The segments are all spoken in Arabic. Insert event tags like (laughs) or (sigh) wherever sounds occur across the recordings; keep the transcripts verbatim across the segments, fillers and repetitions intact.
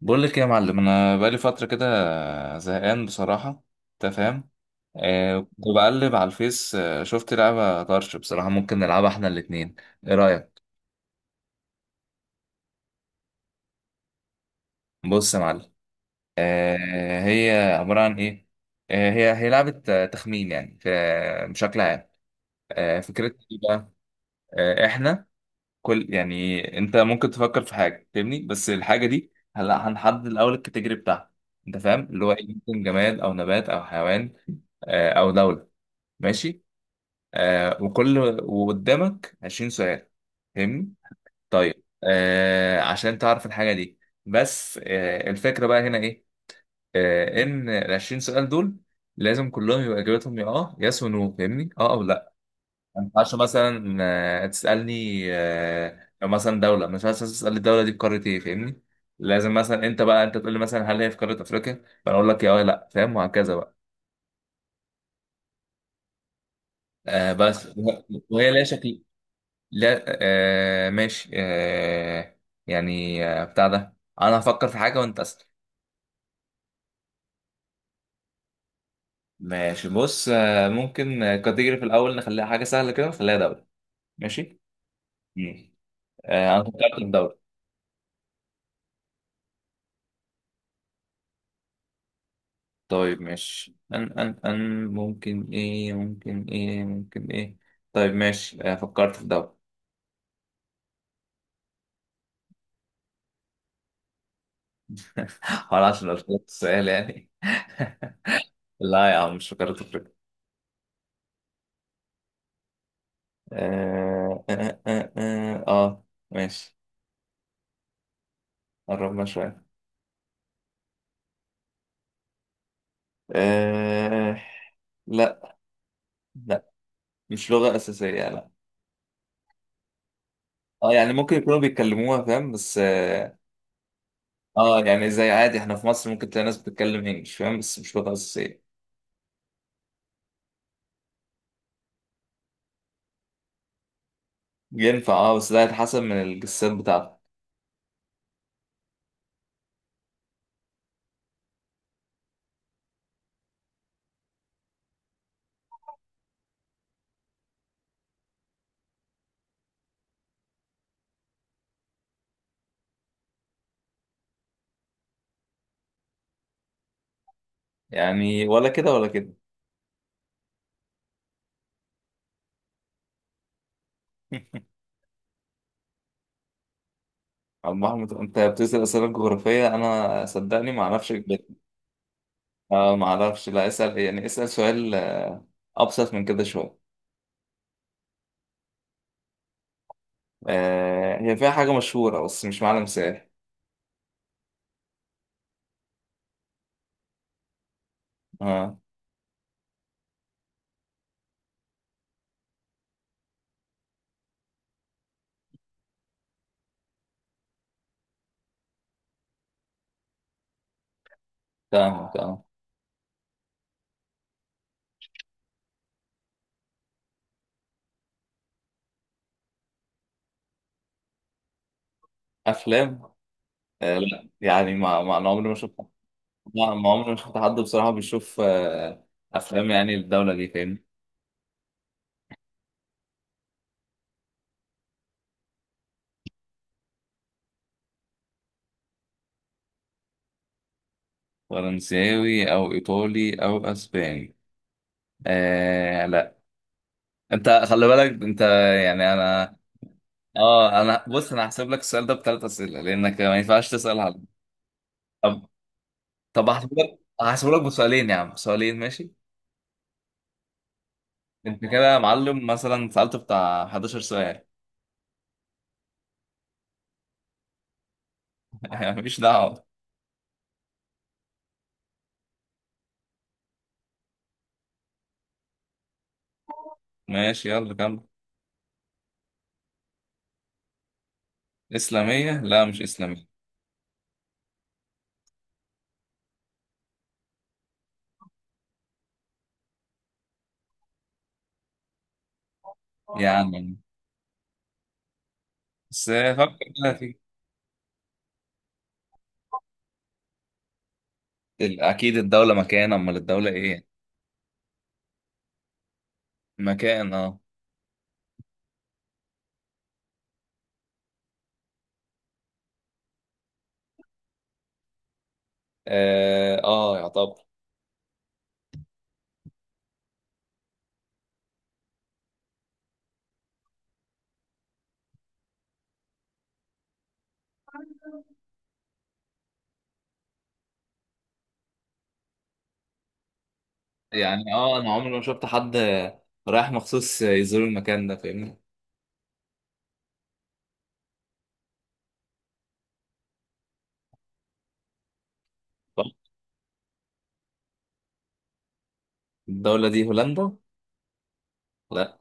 بقول لك إيه يا معلم، انا بقالي فتره كده زهقان بصراحه. انت فاهم؟ آه كنت بقلب على الفيس، آه شفت لعبه طرش بصراحه. ممكن نلعبها احنا الاتنين. ايه رايك؟ بص يا معلم. آه هي عباره عن ايه؟ آه هي هي لعبه آه، تخمين، يعني في بشكل عام. آه فكرتها ايه بقى؟ آه احنا كل، يعني انت ممكن تفكر في حاجه فاهمني، بس الحاجه دي هلا هنحدد الاول الكاتيجوري بتاعها. انت فاهم اللي هو إيه، ممكن جماد او نبات او حيوان. آه او دوله، ماشي. آه وكل، وقدامك 20 سؤال، فاهمني؟ طيب، آه عشان تعرف الحاجة دي. بس آه الفكرة بقى هنا ايه؟ آه ان ال 20 سؤال دول لازم كلهم يبقى اجابتهم يا اه يس ونو، فاهمني؟ اه او لا. ما ينفعش مثلا آه تسألني، آه لو مثلا دولة، ما ينفعش مثلاً تسألني الدولة دي في قارة ايه، فاهمني؟ لازم مثلا انت بقى انت تقول لي مثلا هل هي في قارة افريقيا، فانا اقول لك يا اه لا، فاهم؟ وهكذا بقى. آه بس وهي وهي ليها شكل؟ لا، آه ماشي. آه يعني آه بتاع ده. انا هفكر في حاجه وانت اسال. ماشي، بص آه، ممكن آه، كاتيجوري في الأول نخليها حاجة سهلة كده، نخليها دولة، ماشي. مم. آه، أنا فكرت في دولة. طيب ماشي، ان ان ان ممكن ايه، ممكن ايه، ممكن ايه. طيب ماشي، آه فكرت في ده. (laughs) ولا عشان قلت لك السؤال يعني؟ (laughs) لا يا عم، مش فكرت في كده. آه, آه, آه, آه, اه ماشي، قربنا شويه. آه لا. لا، مش لغة أساسية، لا. اه يعني ممكن يكونوا بيتكلموها فاهم، بس اه آه، يعني زي عادي احنا في مصر ممكن تلاقي ناس بتتكلم انجلش فاهم، بس مش لغة أساسية. ينفع اه، بس ده هيتحسب من الجسات بتاعتك. يعني ولا كده ولا كده. (laughs) عم احمد، انت بتسأل أسئلة جغرافية، انا صدقني ما اعرفش البيت. اه ما اعرفش، لا اسأل يعني، اسأل سؤال آه، ابسط من كده شوية. آه هي فيها حاجة مشهورة، بس مش معلم سائل. اه، تمام تمام. افلام؟ آه، لا يعني، ما ما انا عمري ما شفت. ما ما عمري ما شفت حد بصراحه بيشوف آه، افلام، يعني الدوله دي فاهم. فرنساوي او ايطالي او اسباني؟ آه لا. انت خلي بالك انت، يعني انا... اه انا بص، انا هحسب لك السؤال ده بثلاث اسئله، لانك ما ينفعش تسال على... طب طب هحسب لك، هحسب لك بسؤالين يا عم، بسؤالين، ماشي. انت كده يا معلم مثلا سالت بتاع 11 سؤال. (laughs) مفيش دعوه. ماشي، يلا كمل. اسلاميه؟ لا، مش اسلاميه. يعني، بس فكر كده في ال- اكيد الدولة مكان، امال الدولة ايه؟ مكان، اه. اه، آه، يعتبر. يعني، اه انا عمري ما شفت حد رايح مخصوص يزور المكان ده، فاهمني. طب الدولة دي هولندا؟ لا.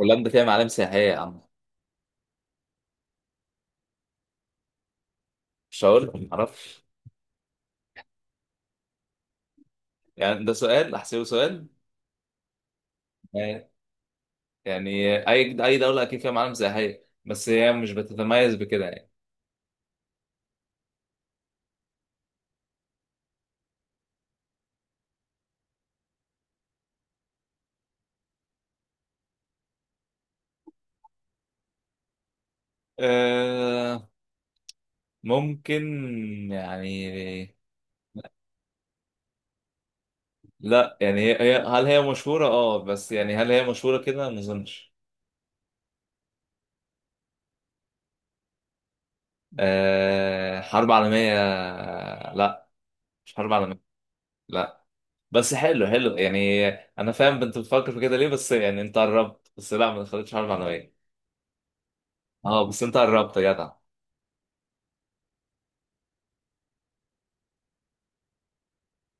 هولندا فيها معالم سياحية يا عم. مش هقول معرفش. يعني ده سؤال، احسبه سؤال. آه، يعني اي اي دولة اكيد فيها معالم سياحية، بس هي مش بتتميز بكده يعني. أه، ممكن يعني. لا يعني، هي هي- هل هي مشهورة اه بس، يعني هل هي مشهورة كده؟ ما اظنش. آه حرب عالمية؟ لا. مش حرب عالمية. لا، بس حلو حلو يعني. انا فاهم انت بتفكر في كده ليه، بس يعني انت قربت، بس لا، ما دخلتش حرب عالمية. اه، بس انت قربت يا جدع.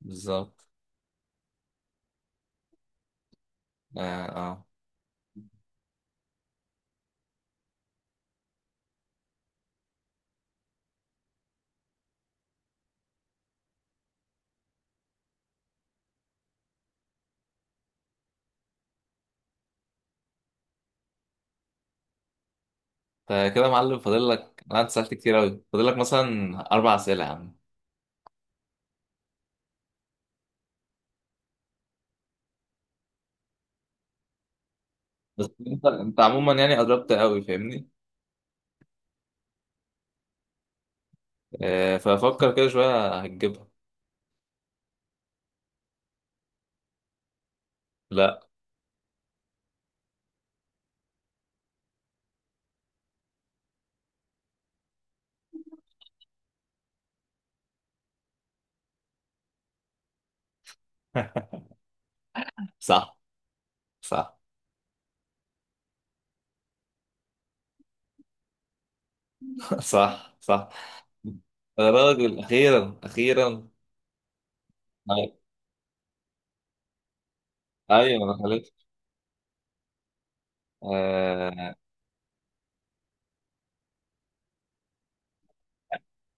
بالظبط. اه، اه. فكده يا معلم فاضل لك، لا انت سألت كتير قوي، فاضل لك مثلا اربع اسئلة يا عم. بس انت انت عموما يعني قربت قوي، فاهمني. آه ففكر كده شوية هتجيبها. لا. (laughs) صح، صح، صح، صح. انا بقول اخيرا اخيرا. أي- ايوه، ما دخلتش. آه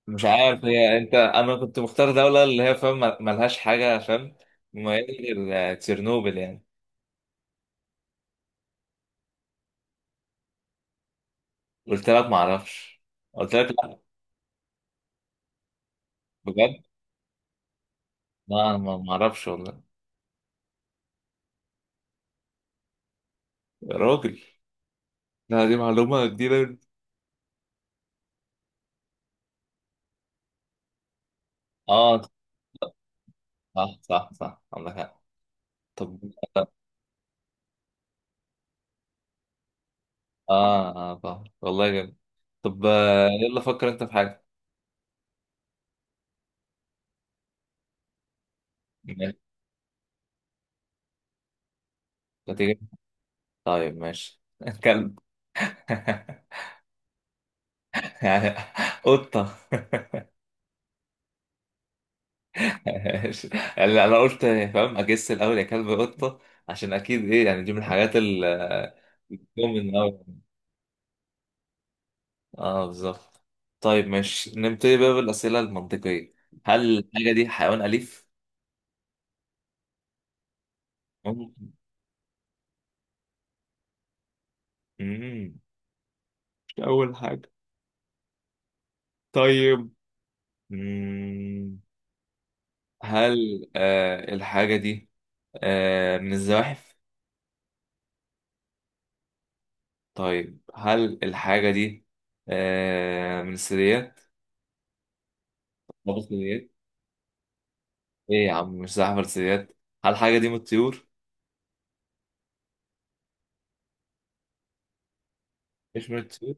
مش عارف، هي انت انا كنت مختار دوله اللي هي فاهم مل- ملهاش حاجه فاهم، مميزه غير تشيرنوبل يعني. قلت لك ما اعرفش، قلت لك لا. بجد؟ لا انا، ما ما اعرفش والله. يا راجل! لا، دي معلومه جديده. اه، صح صح صح، عندك حق. طب، اه اه، طبعا والله جامد. طب، آه، يلا فكر انت في حاجه. ماشي. ما تيجي. طيب ماشي. كلب؟ (laughs) يعني، قطة؟ (laughs) ماشي. يعني أنا قلت، فاهم أجس الأول، يا كلب، قطة، عشان أكيد إيه، يعني دي من الحاجات ال... من أول. آه بالظبط. طيب ماشي، نبتدي بقى بالأسئلة المنطقية. هل الحاجة دي حيوان أليف؟ ممكن. مم. مش أول حاجة. طيب. مم. هل آه الحاجة دي آه من الزواحف؟ طيب هل الحاجة دي آه من الثدييات؟ ما بالثدييات؟ ايه يا عم، مش زحف ولا ثدييات؟ هل الحاجة دي من الطيور؟ مش من الطيور؟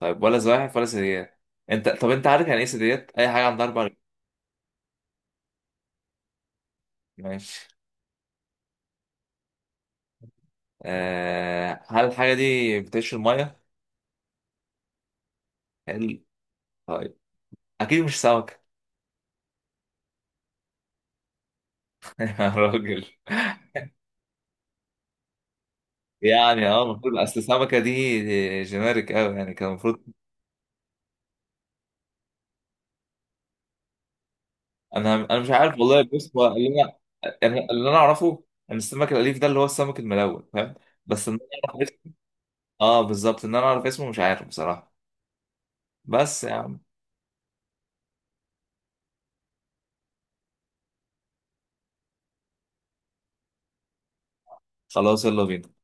طيب، ولا زواحف ولا ثدييات؟ انت طب، انت عارف يعني ايه ثدييات؟ أي حاجة عندها أربع رجلين. ماشي. آه هل الحاجة دي بتعيش في المية؟ هل... طيب، أكيد مش سمكة. (laughs) يا راجل! يعني اه، المفروض أصل السمكة دي جينيريك أوي، يعني كان المفروض. انا انا مش عارف والله، بص هو اللي انا... يعني اللي انا اعرفه ان السمك الاليف ده اللي هو السمك الملون، فاهم. بس ان انا اعرف اسمه. اه بالظبط، ان انا اعرف اسمه، مش عارف بصراحه. بس يا عم. خلاص، يلا بينا.